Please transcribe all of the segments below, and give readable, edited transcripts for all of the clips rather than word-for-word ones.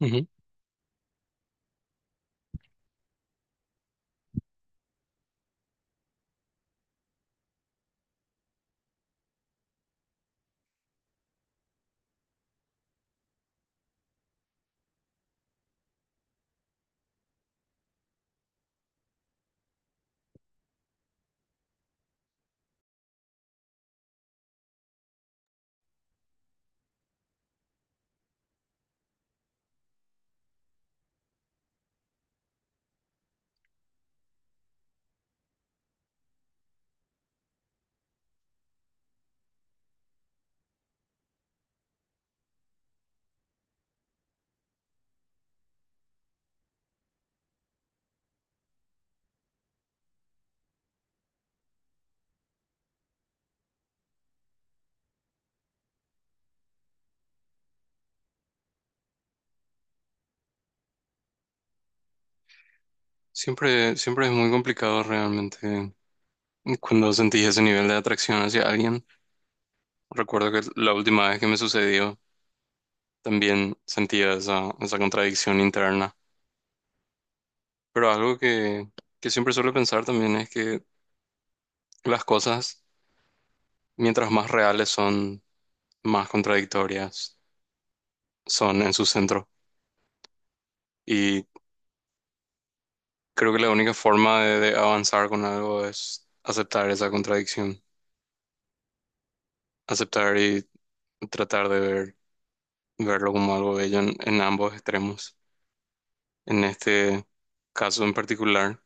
Ujú. Siempre, siempre es muy complicado realmente cuando sentís ese nivel de atracción hacia alguien. Recuerdo que la última vez que me sucedió también sentía esa contradicción interna. Pero algo que siempre suelo pensar también es que las cosas, mientras más reales son, más contradictorias son en su centro. Y creo que la única forma de avanzar con algo es aceptar esa contradicción, aceptar y tratar de verlo como algo bello en ambos extremos. En este caso en particular,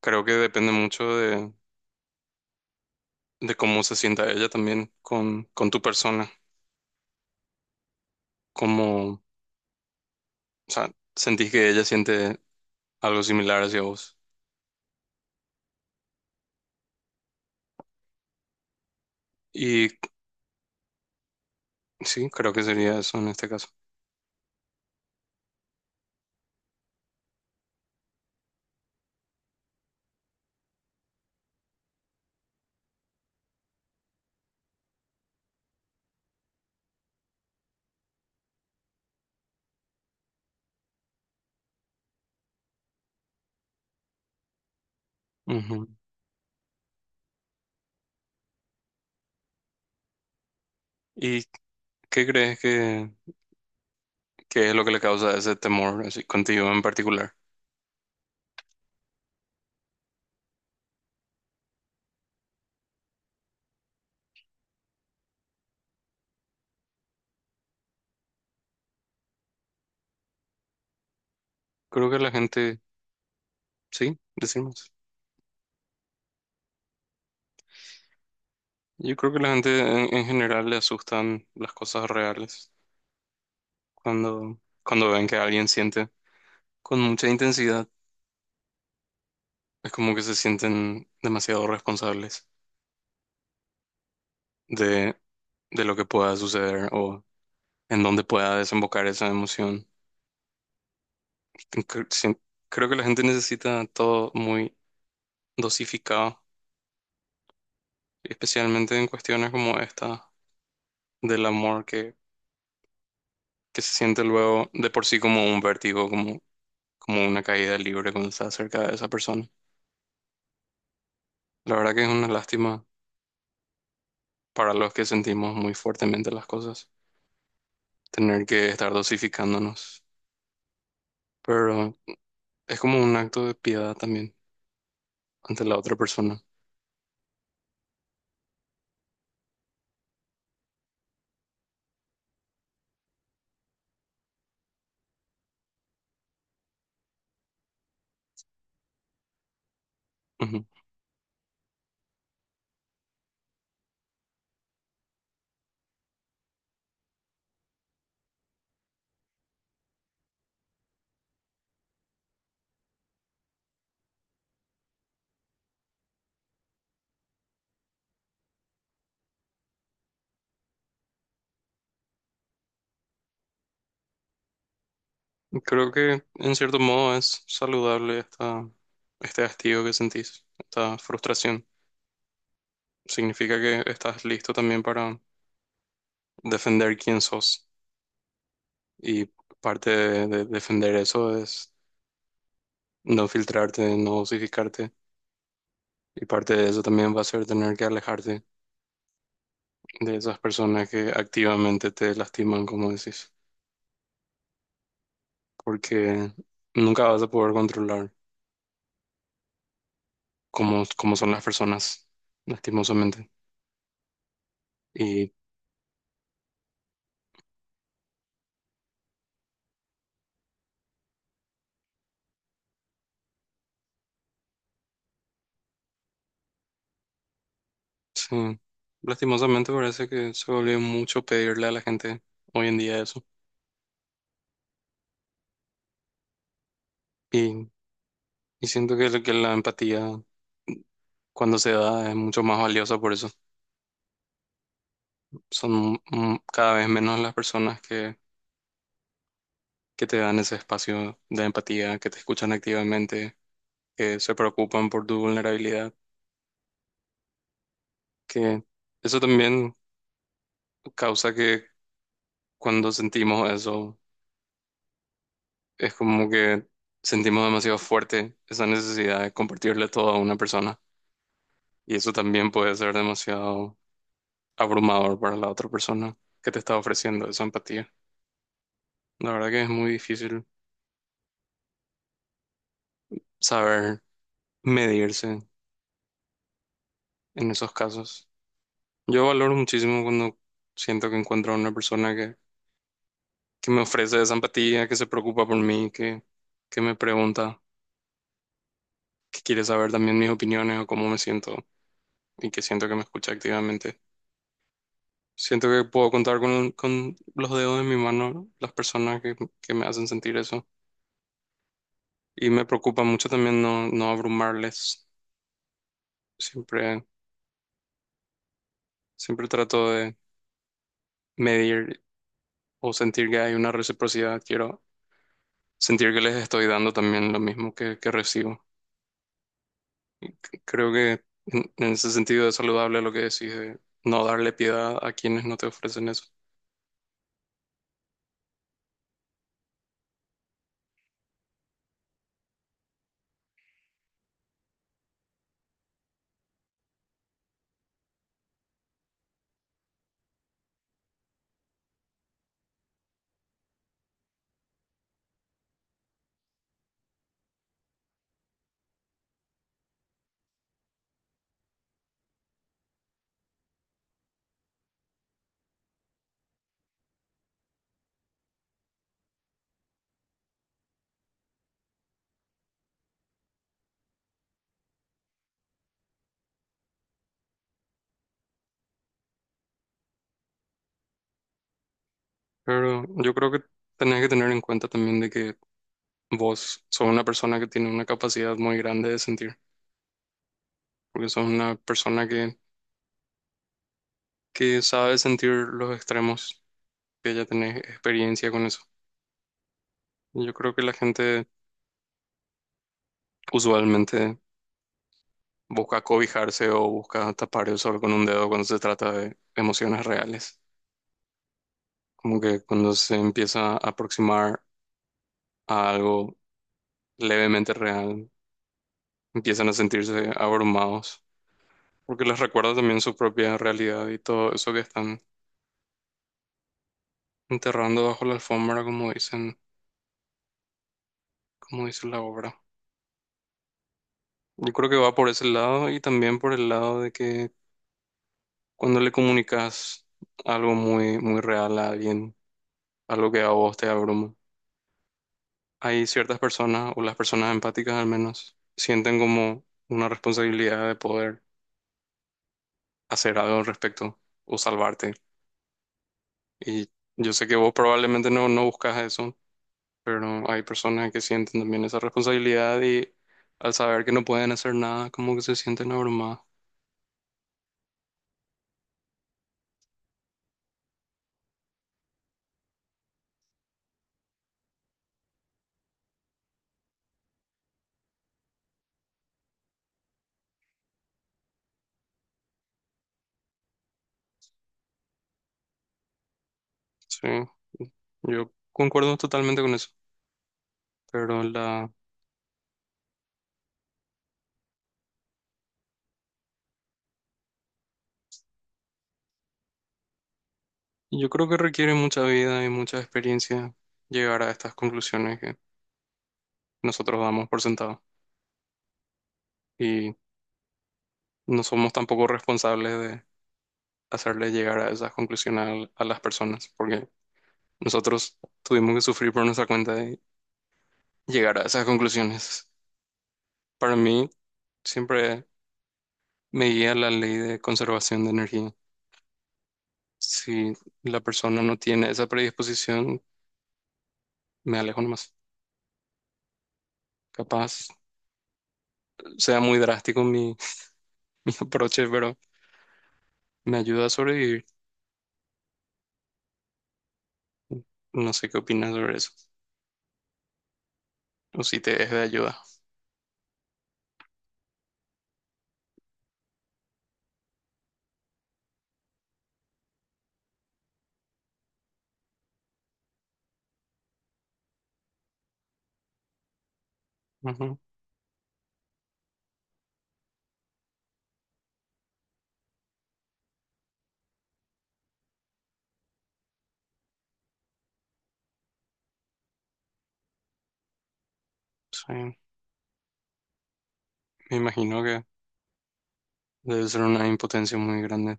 creo que depende mucho de cómo se sienta ella también con tu persona, o sea, sentís que ella siente algo similar hacia vos. Y sí, creo que sería eso en este caso. Ujú. ¿Y qué crees que es lo que le causa ese temor así contigo en particular? Creo que la gente, sí, decimos. Yo creo que la gente en general le asustan las cosas reales. Cuando ven que alguien siente con mucha intensidad, es como que se sienten demasiado responsables de, de lo que pueda suceder o en dónde pueda desembocar esa emoción. Cre- sien- Creo que la gente necesita todo muy dosificado, especialmente en cuestiones como esta del amor que se siente luego de por sí como un vértigo, como una caída libre cuando estás cerca de esa persona. La verdad que es una lástima para los que sentimos muy fuertemente las cosas. Tener que estar dosificándonos, pero es como un acto de piedad también ante la otra persona. Ujú. Creo que en cierto modo es saludable este hastío que sentís, esta frustración. Significa que estás listo también para defender quién sos y parte de defender eso es no filtrarte, no dosificarte y parte de eso también va a ser tener que alejarte de esas personas que activamente te lastiman, como decís. Porque nunca vas a poder controlar cómo son las personas, lastimosamente. Y sí, lastimosamente parece que se volvió mucho pedirle a la gente hoy en día eso. Y, y siento que la empatía cuando se da es mucho más valiosa por eso. Son cada vez menos las personas que te dan ese espacio de empatía, que te escuchan activamente, que se preocupan por tu vulnerabilidad, que eso también causa que cuando sentimos eso es como que sentimos demasiado fuerte esa necesidad de compartirle todo a una persona y eso también puede ser demasiado abrumador para la otra persona que te está ofreciendo esa empatía. La verdad que es muy difícil saber medirse en esos casos. Yo valoro muchísimo cuando siento que encuentro a una persona que me ofrece esa empatía, que se preocupa por mí, que me pregunta, que quiere saber también mis opiniones o cómo me siento y que siento que me escucha activamente. Siento que puedo contar con los dedos de mi mano, ¿no?, las personas que me hacen sentir eso. Y me preocupa mucho también no abrumarles. Siempre, siempre trato de medir o sentir que hay una reciprocidad. Quiero sentir que les estoy dando también lo mismo que recibo. Creo que en ese sentido es saludable lo que decís de no darle piedad a quienes no te ofrecen eso. Pero yo creo que tenés que tener en cuenta también de que vos sos una persona que tiene una capacidad muy grande de sentir. Porque sos una persona que sabe sentir los extremos, que ya tenés experiencia con eso. Y yo creo que la gente usualmente busca cobijarse o busca tapar el sol con un dedo cuando se trata de emociones reales. Como que cuando se empieza a aproximar a algo levemente real, empiezan a sentirse abrumados, porque les recuerda también su propia realidad y todo eso que están enterrando bajo la alfombra, como dicen, como dice la obra. Yo creo que va por ese lado y también por el lado de que cuando le comunicas algo muy, muy real a alguien, algo que a vos te abruma, hay ciertas personas, o las personas empáticas al menos, sienten como una responsabilidad de poder hacer algo al respecto o salvarte. Y yo sé que vos probablemente no buscas eso, pero hay personas que sienten también esa responsabilidad y al saber que no pueden hacer nada, como que se sienten abrumadas. Sí, yo concuerdo totalmente con eso. pero la, yo creo que requiere mucha vida y mucha experiencia llegar a estas conclusiones que nosotros damos por sentado y no somos tampoco responsables de hacerles llegar a esas conclusiones a las personas, porque nosotros tuvimos que sufrir por nuestra cuenta de llegar a esas conclusiones. Para mí, siempre me guía la ley de conservación de energía. Si la persona no tiene esa predisposición, me alejo nomás. Capaz sea muy drástico mi aproche, pero me ayuda a sobrevivir. No sé qué opinas sobre eso. O si te es de ayuda. Ujú, sí. Me imagino que debe ser una impotencia muy grande.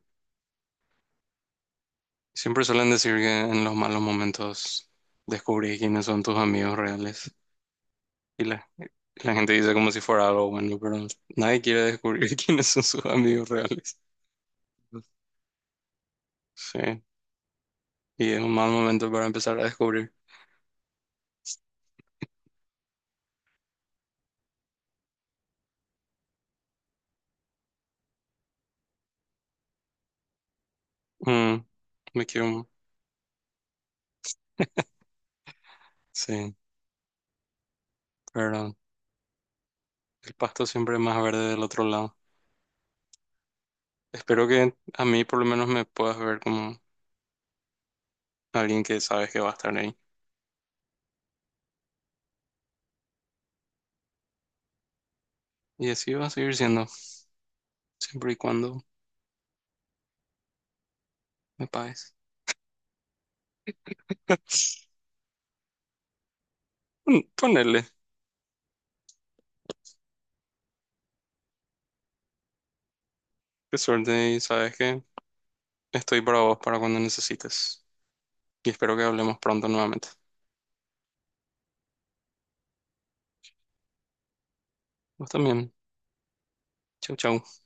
Siempre suelen decir que en los malos momentos descubrís quiénes son tus amigos reales. Y la gente dice como si fuera algo bueno, pero nadie quiere descubrir quiénes son sus amigos reales. Sí. Y es un mal momento para empezar a descubrir. Mm, me quiero. Sí, pero el pasto siempre es más verde del otro lado. Espero que a mí por lo menos me puedas ver como alguien que sabes que va a estar ahí. Y así va a seguir siendo, siempre y cuando me pagues. Ponerle, qué suerte y sabes que estoy para vos para cuando necesites. Y espero que hablemos pronto nuevamente. Vos también. Chau, chau.